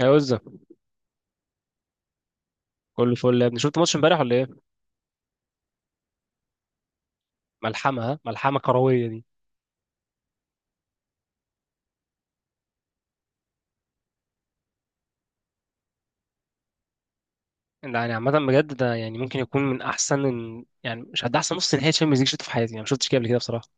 يا وزة، كله فل يا ابني. شفت ماتش امبارح ولا ايه؟ ملحمة. ها ملحمة كروية دي. يعني عامة بجد ده يعني ممكن يكون من احسن. يعني مش هد احسن نص نهائي تشامبيونز ليج شفته في حياتي. يعني ما شفتش كده قبل كده بصراحة.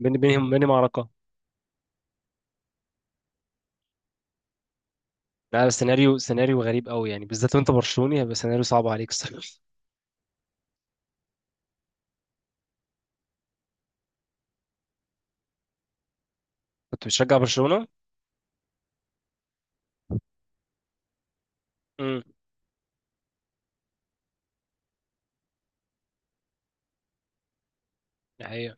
بيني بينهم، بيني معركة. لا بس سيناريو، سيناريو غريب قوي يعني، بالذات وانت برشلوني هيبقى سيناريو صعب عليك الصراحة. كنت بتشجع برشلونة. امم، دي حقيقة.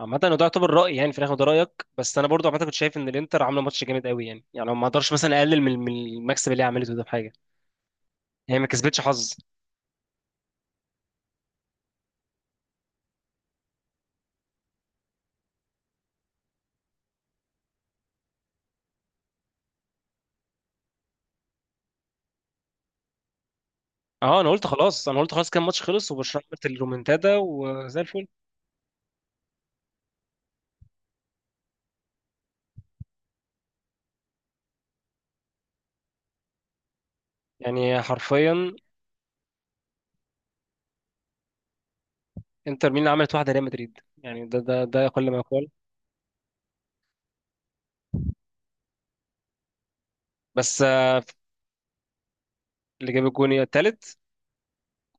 عامة إنه ده يعتبر رأي، يعني في الآخر ده رأيك، بس أنا برضو عامة كنت شايف إن الإنتر عاملة ماتش جامد قوي. يعني يعني ما أقدرش مثلا أقلل من المكسب اللي هي عملته ده بحاجة. هي ما كسبتش حظ. اه انا قلت خلاص، انا قلت خلاص كان ماتش خلص وبرشلونه عملت الرومنتادا وزي الفل. يعني حرفيا انتر ميلان عملت واحده ريال مدريد. يعني ده كل ما يقال. بس آه، اللي جاب الجون التالت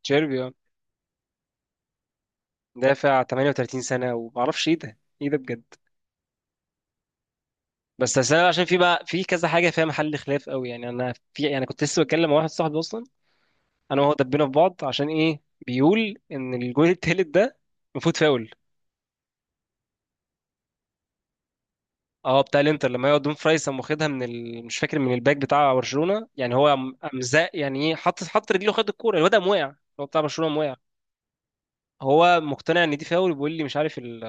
تشيربي آه، دافع 38 سنه. وما اعرفش ايه ده، ايه ده بجد. بس أصل انا عشان في بقى في كذا حاجه فيها محل خلاف قوي. يعني انا في، يعني كنت لسه بتكلم مع واحد صاحبي اصلا، انا وهو دبينا في بعض. عشان ايه؟ بيقول ان الجون التالت ده المفروض فاول. اه بتاع الانتر، لما هو دون فراي قام واخدها من ال... مش فاكر من الباك بتاع برشلونه. يعني هو قام، زق يعني ايه، حط رجله، خد الكوره، الواد قام وقع، هو بتاع برشلونه قام وقع. هو مقتنع ان دي فاول، بيقول لي مش عارف ال...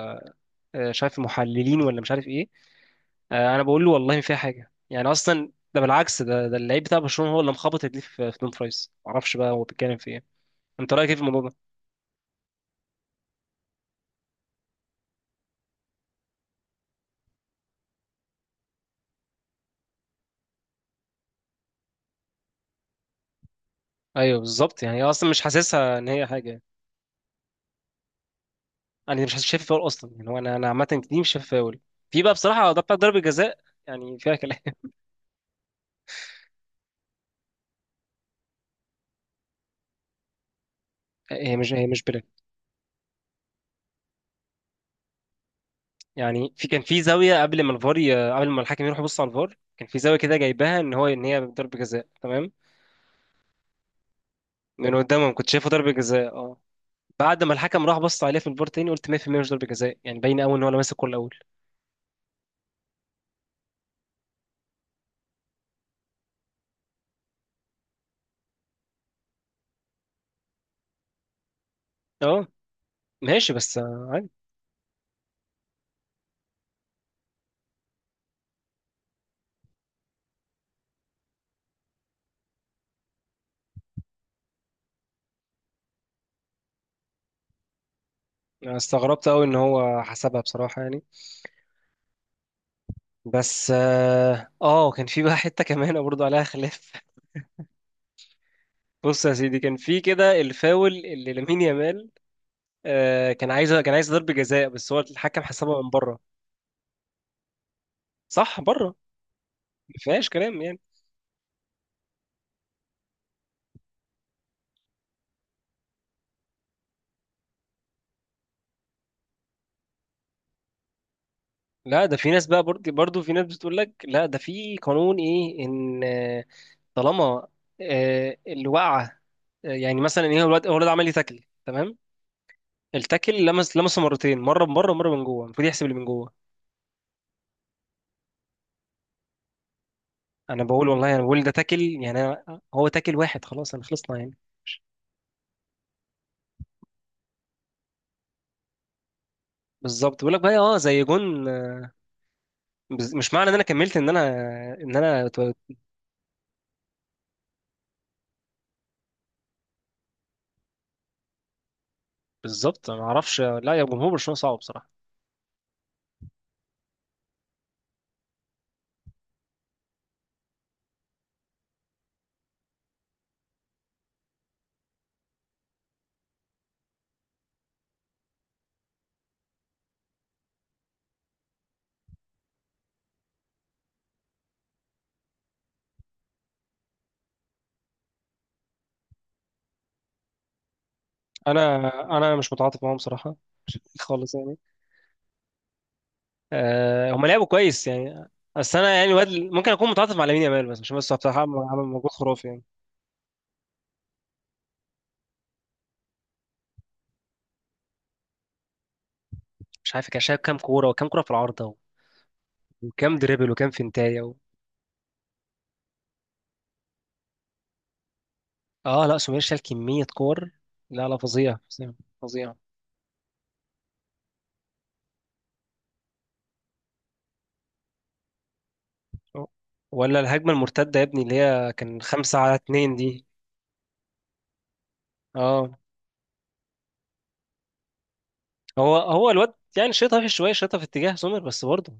آه، مش عارف المحللين ولا مش عارف ايه. آه، انا بقول له والله ما فيها حاجه، يعني اصلا ده بالعكس، ده ده اللعيب بتاع برشلونه هو اللي مخبط رجليه في دون فرايس. معرفش بقى هو بيتكلم في ايه. انت رايك ايه في الموضوع ده؟ ايوه بالظبط، يعني هي اصلا مش حاسسها ان هي حاجه. انا مش حاسس- شايف فاول اصلا يعني. هو انا، عامه دي مش شايف فاول. في بقى بصراحه ده بتاع ضربه جزاء، يعني فيها كلام. هي مش، هي مش بلاك. يعني في كان في زاويه، قبل ما الحكم يروح يبص على الفار، كان في زاويه كده جايبها ان هو ان هي ضربه جزاء، تمام. من قدامهم كنت شايفه ضربه جزاء، اه. بعد ما الحكم راح بص عليها في الفار تاني قلت 100% مش ضربه جزاء. يعني باين قوي ان هو لمس الكوره الاول، اه. ماشي بس آه، عادي. انا استغربت قوي ان هو حسبها بصراحه يعني. بس اه آه، كان في بقى حته كمان برضه عليها خلاف. بص يا سيدي، كان في كده الفاول اللي لامين يامال. آه، كان عايز، كان عايز ضربه جزاء، بس هو الحكم حسبها من بره. صح، بره. ما فيهاش كلام يعني. لا ده في ناس بقى، برضه في ناس بتقول لك لا ده في قانون ايه، ان آه، طالما آه، الوقعه آه، يعني مثلا ايه، هو الواد، هو الواد عمل لي تاكل، تمام. التاكل لمس لمسه مرتين، مره من بره ومره من جوه، المفروض يحسب اللي من جوه. انا بقول والله، انا بقول ده تاكل يعني. أنا هو تاكل واحد خلاص، انا خلصنا يعني. بالظبط. بيقول لك بقى اه زي جون آه، مش معنى ان انا كملت ان انا، ان انا اتو- بالظبط. أنا ما اعرفش. لا يا جمهور برشلونه صعب بصراحه. انا انا مش متعاطف معاهم صراحه. خالص يعني. أه هم لعبوا كويس يعني. بس انا يعني الواد ممكن اكون متعاطف مع لامين يامال، بس مش بس بصراحه عمل مجهود خرافي يعني. مش عارف كان شايل كام كوره، وكام كوره في العارضه، وكام دريبل، وكام فنتايه و... اه لا سمير شال كميه كور، لا لا، فظيع، فظيع، فظيع. آه. ولا الهجمه المرتده يا ابني، اللي هي كان خمسة على اتنين دي، اه. هو هو الواد يعني شايطها في شويه، شايطها في اتجاه سمير، بس برضه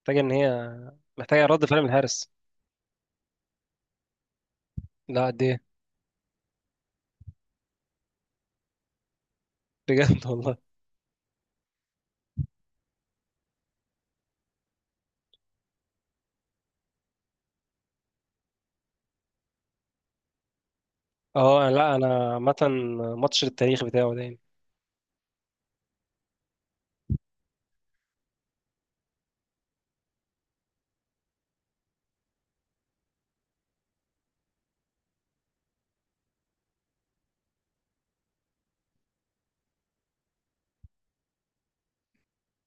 محتاجه ان هي، محتاجه رد فعل من الحارس. لا دي بجد. والله. اه لا انا عامه، ماتش للتاريخ بتاعه ده يعني.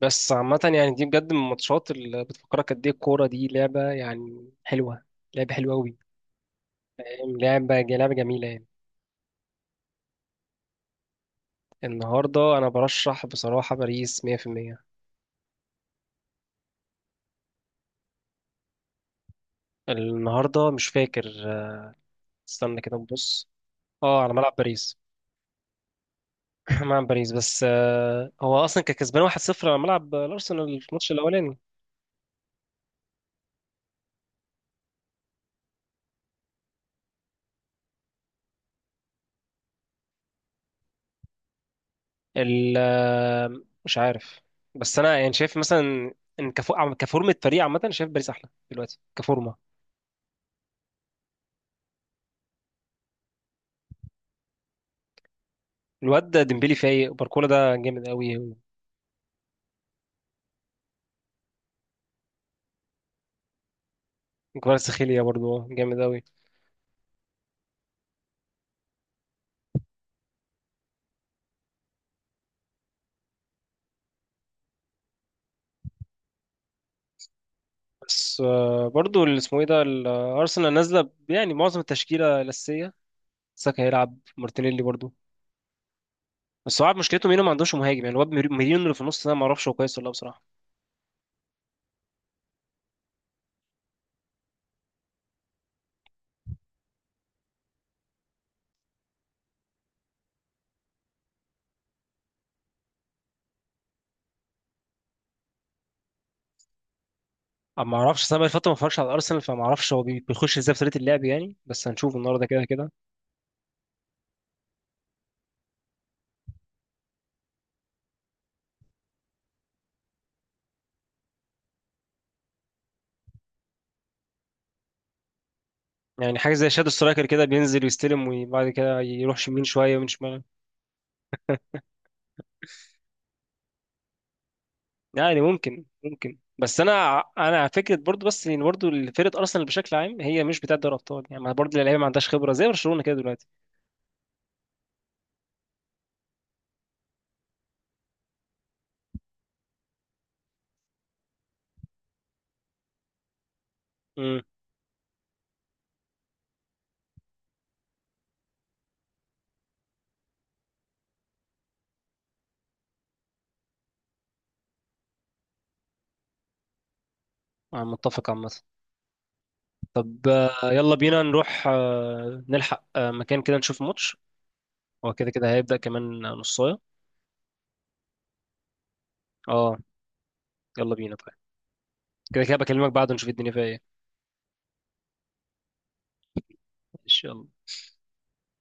بس عامه، يعني دي بجد من الماتشات اللي بتفكرك قد ايه الكوره دي لعبه يعني حلوه، لعبه حلوه قوي، لعبه، لعبه جميله يعني. النهارده انا برشح بصراحه باريس 100%. النهارده مش فاكر، استنى كده نبص. اه على ملعب باريس. ملعب باريس. بس آه، هو اصلا كان كسبان 1-0 على ملعب الارسنال في الماتش الاولاني. ال، مش عارف. بس انا يعني شايف مثلا ان كفو... كفورمة فريق عامة، شايف باريس احلى دلوقتي كفورمة. الواد ده ديمبلي فايق، باركولا ده جامد قوي، كفاراتسخيليا برضو جامد قوي. بس آه، برضو اللي اسمه ايه ده، ال- ارسنال نازلة ب- يعني معظم التشكيلة الأساسية، ساكا هيلعب، مارتينيلي برضو. بس هو عارف مشكلته مينو، ما عندوش مهاجم يعني. الواد ميرينو اللي في النص ده ما اعرفش هو كويس ولا لا بصراحة. أما ما اعرفش، أصل انا بقالي فترة ما اتفرجش على الارسنال، فما اعرفش هو بيخش ازاي في طريقة اللعب يعني، بس هنشوف النهارده كده كده. يعني حاجة زي شادو سترايكر كده، بينزل ويستلم وبعد كده يروح يمين شوية ومن شمال. يعني ممكن، ممكن. بس انا، انا على فكرة برضو، بس ان برضو فرقة ارسنال بشكل عام هي مش بتاعة دوري ابطال يعني. ما برضو اللعيبة ما عندهاش خبرة زي برشلونة كده دلوقتي. امم، انا متفق عامة. طب آه، يلا بينا نروح آه، نلحق آه، مكان كده نشوف ماتش. هو كده كده هيبدأ كمان نصاية. اه يلا بينا طيب. كده كده بكلمك بعد نشوف الدنيا فيها ايه. ان شاء الله.